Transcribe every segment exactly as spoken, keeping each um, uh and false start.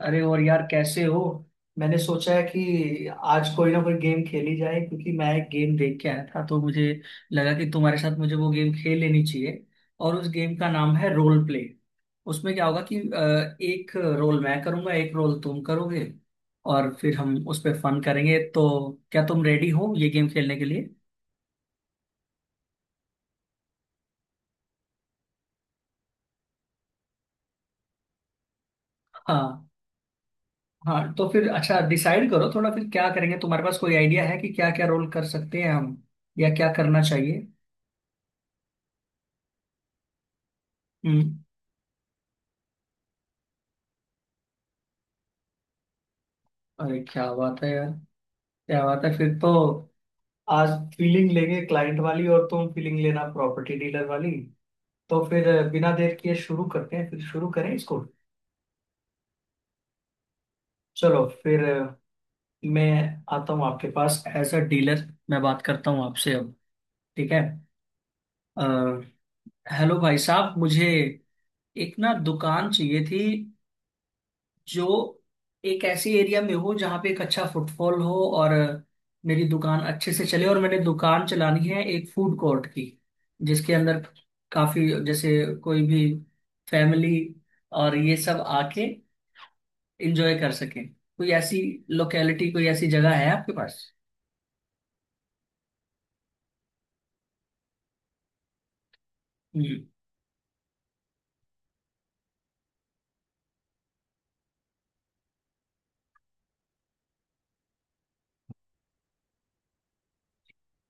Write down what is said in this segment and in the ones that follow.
अरे और यार कैसे हो। मैंने सोचा है कि आज कोई ना कोई गेम खेली जाए क्योंकि मैं एक गेम देख के आया था तो मुझे लगा कि तुम्हारे साथ मुझे वो गेम खेल लेनी चाहिए। और उस गेम का नाम है रोल प्ले। उसमें क्या होगा कि अ, एक रोल मैं करूंगा एक रोल तुम करोगे और फिर हम उस पर फन करेंगे। तो क्या तुम रेडी हो ये गेम खेलने के लिए? हाँ। हाँ तो फिर अच्छा डिसाइड करो थोड़ा फिर क्या करेंगे, तुम्हारे पास कोई आइडिया है कि क्या क्या रोल कर सकते हैं हम या क्या करना चाहिए? हम्म। अरे क्या बात है यार। क्या बात है फिर तो। आज फीलिंग लेंगे क्लाइंट वाली और तुम फीलिंग लेना प्रॉपर्टी डीलर वाली। तो फिर बिना देर किए शुरू करते हैं, फिर शुरू करें इसको। चलो फिर। मैं आता हूँ आपके पास एज अ डीलर, मैं बात करता हूँ आपसे अब। ठीक है। अ, हेलो भाई साहब, मुझे एक ना दुकान चाहिए थी जो एक ऐसी एरिया में हो जहाँ पे एक अच्छा फुटफॉल हो और मेरी दुकान अच्छे से चले, और मैंने दुकान चलानी है एक फूड कोर्ट की जिसके अंदर काफी जैसे कोई भी फैमिली और ये सब आके एंजॉय कर सके। कोई ऐसी लोकेलिटी, कोई ऐसी जगह है आपके पास? हम्म।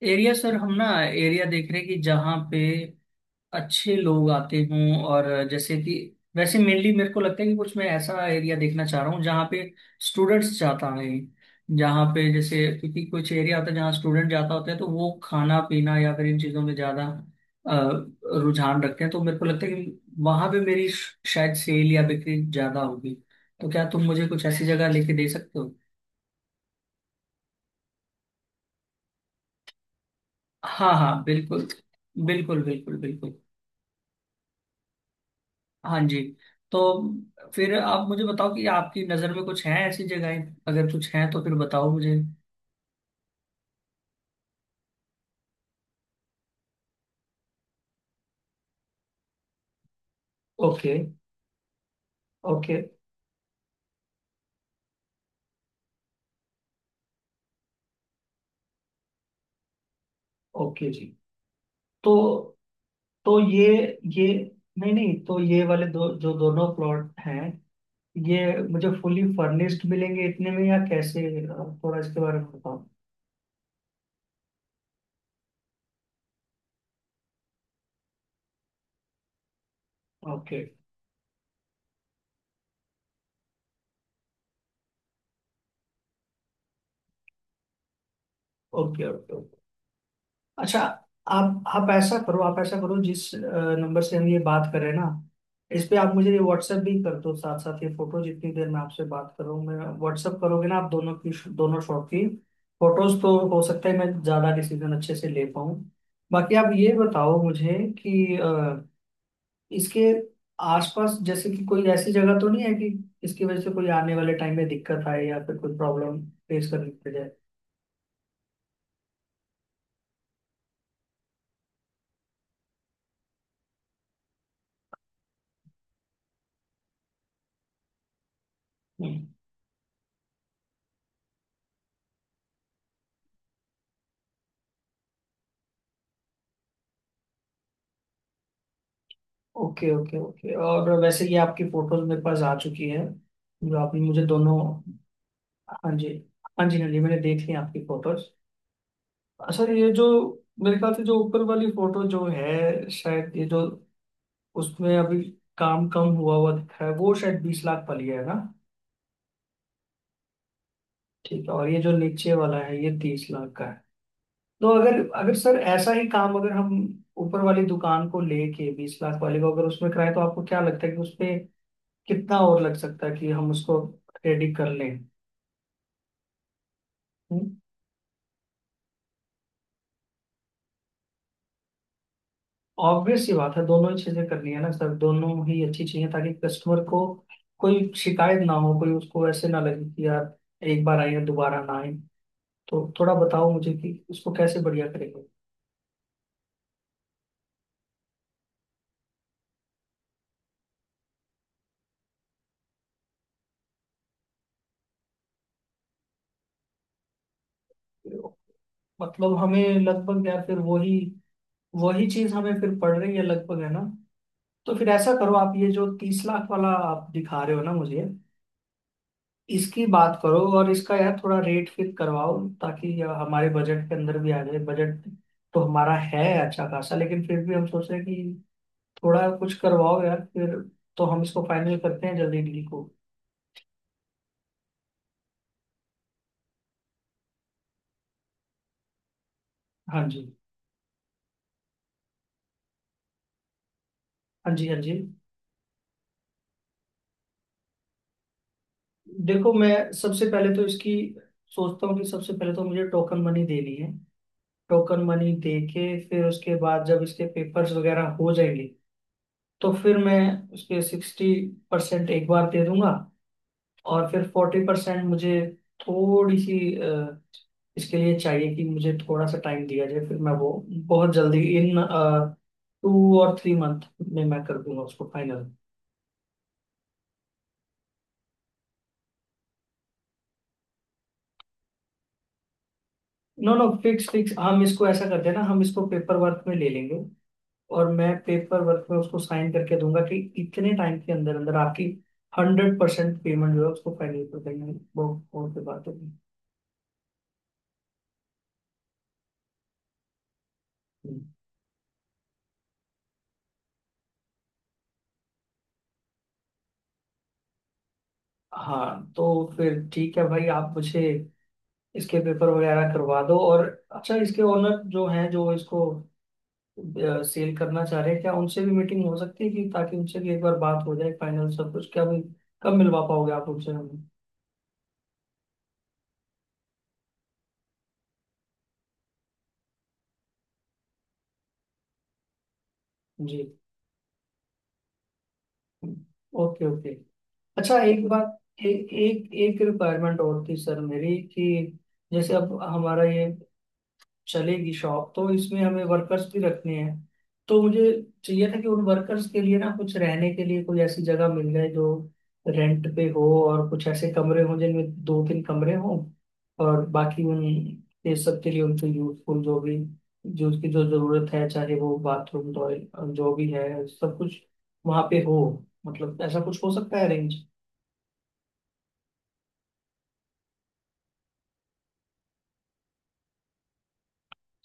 एरिया सर, हम ना एरिया देख रहे हैं कि जहाँ पे अच्छे लोग आते हों, और जैसे कि वैसे मेनली मेरे को लगता है कि कुछ मैं ऐसा एरिया देखना चाह रहा हूँ जहाँ पे स्टूडेंट्स जाता है। जहाँ पे जैसे, क्योंकि कुछ एरिया होता है जहाँ स्टूडेंट जाता होता है तो वो खाना पीना या फिर इन चीज़ों में ज़्यादा अ, रुझान रखते हैं। तो मेरे को लगता है कि वहाँ पे मेरी श- शायद सेल या बिक्री ज़्यादा होगी। तो क्या तुम मुझे कुछ ऐसी जगह लेके दे सकते हो? हाँ हाँ, बिल्कुल बिल्कुल बिल्कुल बिल्कुल। हाँ जी। तो फिर आप मुझे बताओ कि आपकी नज़र में कुछ हैं ऐसी जगहें? अगर कुछ हैं तो फिर बताओ मुझे। ओके ओके ओके जी। तो तो ये ये नहीं नहीं, तो ये वाले दो जो दोनों प्लॉट हैं, ये मुझे फुली फर्निश्ड मिलेंगे इतने में या कैसे? अ, थोड़ा इसके बारे में बताओ। Okay okay okay. अच्छा। आप आप ऐसा करो, आप ऐसा करो जिस नंबर से हम ये बात करें ना इस पे आप मुझे ये व्हाट्सएप भी कर दो। साथ साथ ये फोटो, जितनी देर में आपसे बात कर रहा हूँ मैं, व्हाट्सएप करोगे ना आप दोनों की, दोनों शॉट की फोटोज, तो हो सकता है मैं ज्यादा डिसीजन अच्छे से ले पाऊँ। बाकी आप ये बताओ मुझे कि अ, इसके आसपास जैसे कि कोई ऐसी जगह तो नहीं है कि इसकी वजह से कोई आने वाले टाइम में दिक्कत आए या फिर कोई प्रॉब्लम फेस करनी पड़ जाए? Okay okay okay. और वैसे ये आपकी फोटोज मेरे पास आ चुकी है जो आपने मुझे दोनों। हाँ जी। हाँ जी हाँ जी, मैंने देख ली आपकी फोटोज। सर ये जो, मेरे ख्याल से जो ऊपर वाली फोटो जो है, शायद ये जो उसमें अभी काम कम हुआ हुआ दिख रहा है वो शायद बीस लाख वाली है ना? ठीक है। और ये जो नीचे वाला है ये तीस लाख का है। तो अगर अगर सर ऐसा ही काम अगर हम ऊपर वाली दुकान को लेके, बीस लाख वाले को, अगर उसमें कराए तो आपको क्या लगता है कि उसपे कितना और लग सकता है कि हम उसको रेडी कर लें? ऑब्वियस सी बात है, दोनों ही चीजें करनी है ना सर, दोनों ही अच्छी चीजें, ताकि कस्टमर को कोई शिकायत ना हो, कोई उसको ऐसे ना लगे कि यार एक बार आए हैं दोबारा ना आए। तो थोड़ा बताओ मुझे कि उसको कैसे बढ़िया करेंगे? मतलब हमें लगभग यार फिर वही वही चीज हमें फिर पड़ रही है लगभग, है ना? तो फिर ऐसा करो, आप ये जो तीस लाख वाला आप दिखा रहे हो ना मुझे, इसकी बात करो और इसका यार थोड़ा रेट फिक्स करवाओ ताकि यह हमारे बजट के अंदर भी आ जाए। बजट तो हमारा है अच्छा खासा, लेकिन फिर भी हम सोच रहे हैं कि थोड़ा कुछ करवाओ यार फिर, तो हम इसको फाइनल करते हैं जल्दी डील को। हाँ जी हाँ जी हाँ जी। देखो मैं, सबसे पहले तो इसकी सोचता हूँ कि सबसे पहले तो मुझे टोकन मनी देनी है। टोकन मनी दे के फिर उसके बाद जब इसके पेपर्स वगैरह हो जाएंगे तो फिर मैं उसके सिक्सटी परसेंट एक बार दे दूंगा। और फिर फोर्टी परसेंट मुझे, थोड़ी सी अ, इसके लिए चाहिए कि मुझे थोड़ा सा टाइम दिया जाए, फिर मैं वो बहुत जल्दी इन टू और थ्री मंथ में मैं कर दूंगा उसको final. No no, fix fix, हम इसको ऐसा करते हैं ना, हम इसको पेपर वर्क में ले लेंगे। और मैं पेपर वर्क में उसको साइन करके दूंगा कि इतने टाइम के अंदर अंदर आपकी हंड्रेड परसेंट पेमेंट जो है उसको फाइनल कर देंगे वो। और फिर बात होगी। हम्म। हाँ तो फिर ठीक है भाई, आप मुझे इसके पेपर वगैरह करवा दो। और अच्छा, इसके ओनर जो हैं जो इसको सेल करना चाह रहे हैं, क्या उनसे भी मीटिंग हो सकती है कि ताकि उनसे भी एक बार बात हो जाए फाइनल सब कुछ, क्या भी कब मिलवा पाओगे आप उनसे हमें? जी। Okay okay. अच्छा एक बात, ए, एक एक रिक्वायरमेंट और थी सर मेरी कि जैसे अब हमारा ये चलेगी शॉप, तो इसमें हमें वर्कर्स भी रखने हैं, तो मुझे चाहिए था कि उन वर्कर्स के लिए ना कुछ रहने के लिए कोई ऐसी जगह मिल जाए जो रेंट पे हो और कुछ ऐसे कमरे हों जिनमें दो तीन कमरे हों, और बाकी उन, ये सब के लिए उनको यूजफुल जो भी, जो उसकी जो जरूरत है, चाहे वो बाथरूम टॉयलेट जो भी है, सब कुछ वहाँ पे हो। मतलब ऐसा कुछ हो सकता है अरेंज?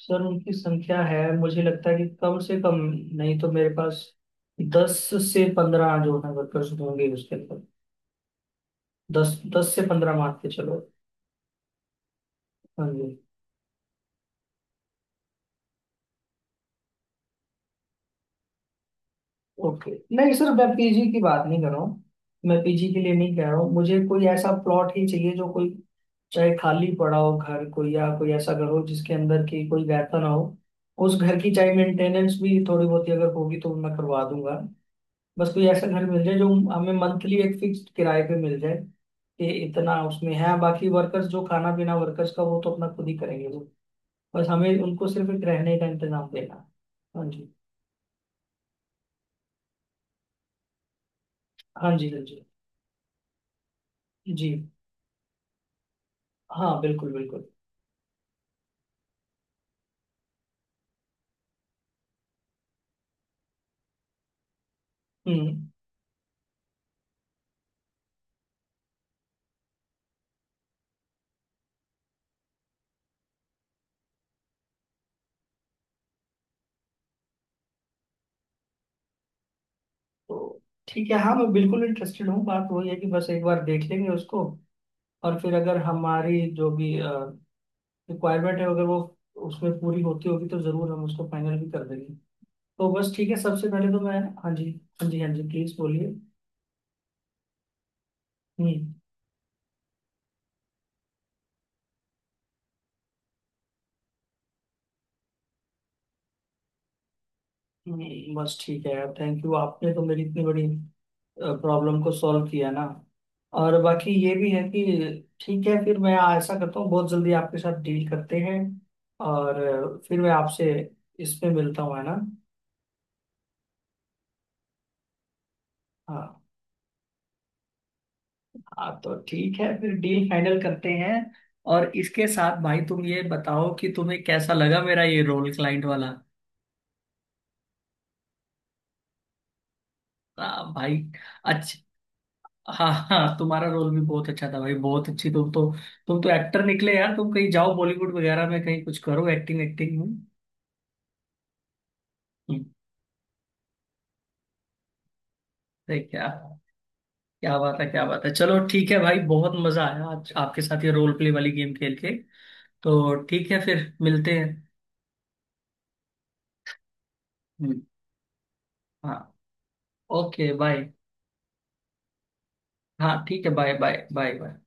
सर उनकी संख्या है, मुझे लगता है कि कम से कम, नहीं तो मेरे पास दस से पंद्रह जो है वर्कर्स होंगे उसके अंदर। दस दस से पंद्रह मान के चलो। हाँ जी। ओके। नहीं सर, मैं पीजी की बात नहीं कर रहा हूँ। मैं पीजी के लिए नहीं कह रहा हूँ, मुझे कोई ऐसा प्लॉट ही चाहिए जो कोई, चाहे खाली पड़ा हो घर कोई, या कोई ऐसा घर हो जिसके अंदर की कोई वैसा ना हो। उस घर की चाहे मेंटेनेंस भी थोड़ी बहुत ही अगर होगी तो मैं करवा दूंगा। बस कोई ऐसा घर मिल जाए जो हमें मंथली एक फिक्स्ड किराए पे मिल जाए कि इतना उसमें है, बाकी वर्कर्स जो खाना पीना वर्कर्स का वो तो अपना खुद ही करेंगे वो। बस हमें उनको सिर्फ एक रहने का इंतजाम देना है। हाँ जी हाँ जी हाँ जी जी। हाँ बिल्कुल बिल्कुल। हम्म तो ठीक है, हाँ मैं बिल्कुल इंटरेस्टेड हूँ, बात वही है कि बस एक बार देख लेंगे उसको, और फिर अगर हमारी जो भी रिक्वायरमेंट है, अगर वो उसमें पूरी होती होगी, तो जरूर हम उसको फाइनल भी कर देंगे। तो बस ठीक है, सबसे पहले तो मैं। हाँ जी हाँ जी हाँ जी, प्लीज बोलिए। हम्म। हम्म, बस ठीक है यार, थैंक यू, आपने तो मेरी इतनी बड़ी प्रॉब्लम को सॉल्व किया ना। और बाकी ये भी है कि ठीक है, फिर मैं ऐसा करता हूँ, बहुत जल्दी आपके साथ डील करते हैं, और अ, फिर मैं आपसे इसमें मिलता हूँ, है ना? हाँ हाँ तो ठीक है, फिर डील फाइनल करते हैं। और इसके साथ भाई तुम ये बताओ कि तुम्हें कैसा लगा मेरा ये रोल, क्लाइंट वाला? आ, भाई। अच्छा। हाँ हाँ, तुम्हारा रोल भी बहुत अच्छा था भाई, बहुत अच्छी तुम तो, तुम तो एक्टर निकले यार, तुम कहीं जाओ बॉलीवुड वगैरह में, कहीं कुछ करो एक्टिंग, एक्टिंग में। हम्म, सही क्या? क्या बात है, क्या बात है। चलो ठीक है भाई, बहुत मजा आया आज आपके साथ ये रोल प्ले वाली गेम खेल के। तो ठीक है फिर, मिलते हैं। हम्म, हाँ ओके बाय। हाँ ठीक है, बाय बाय बाय बाय।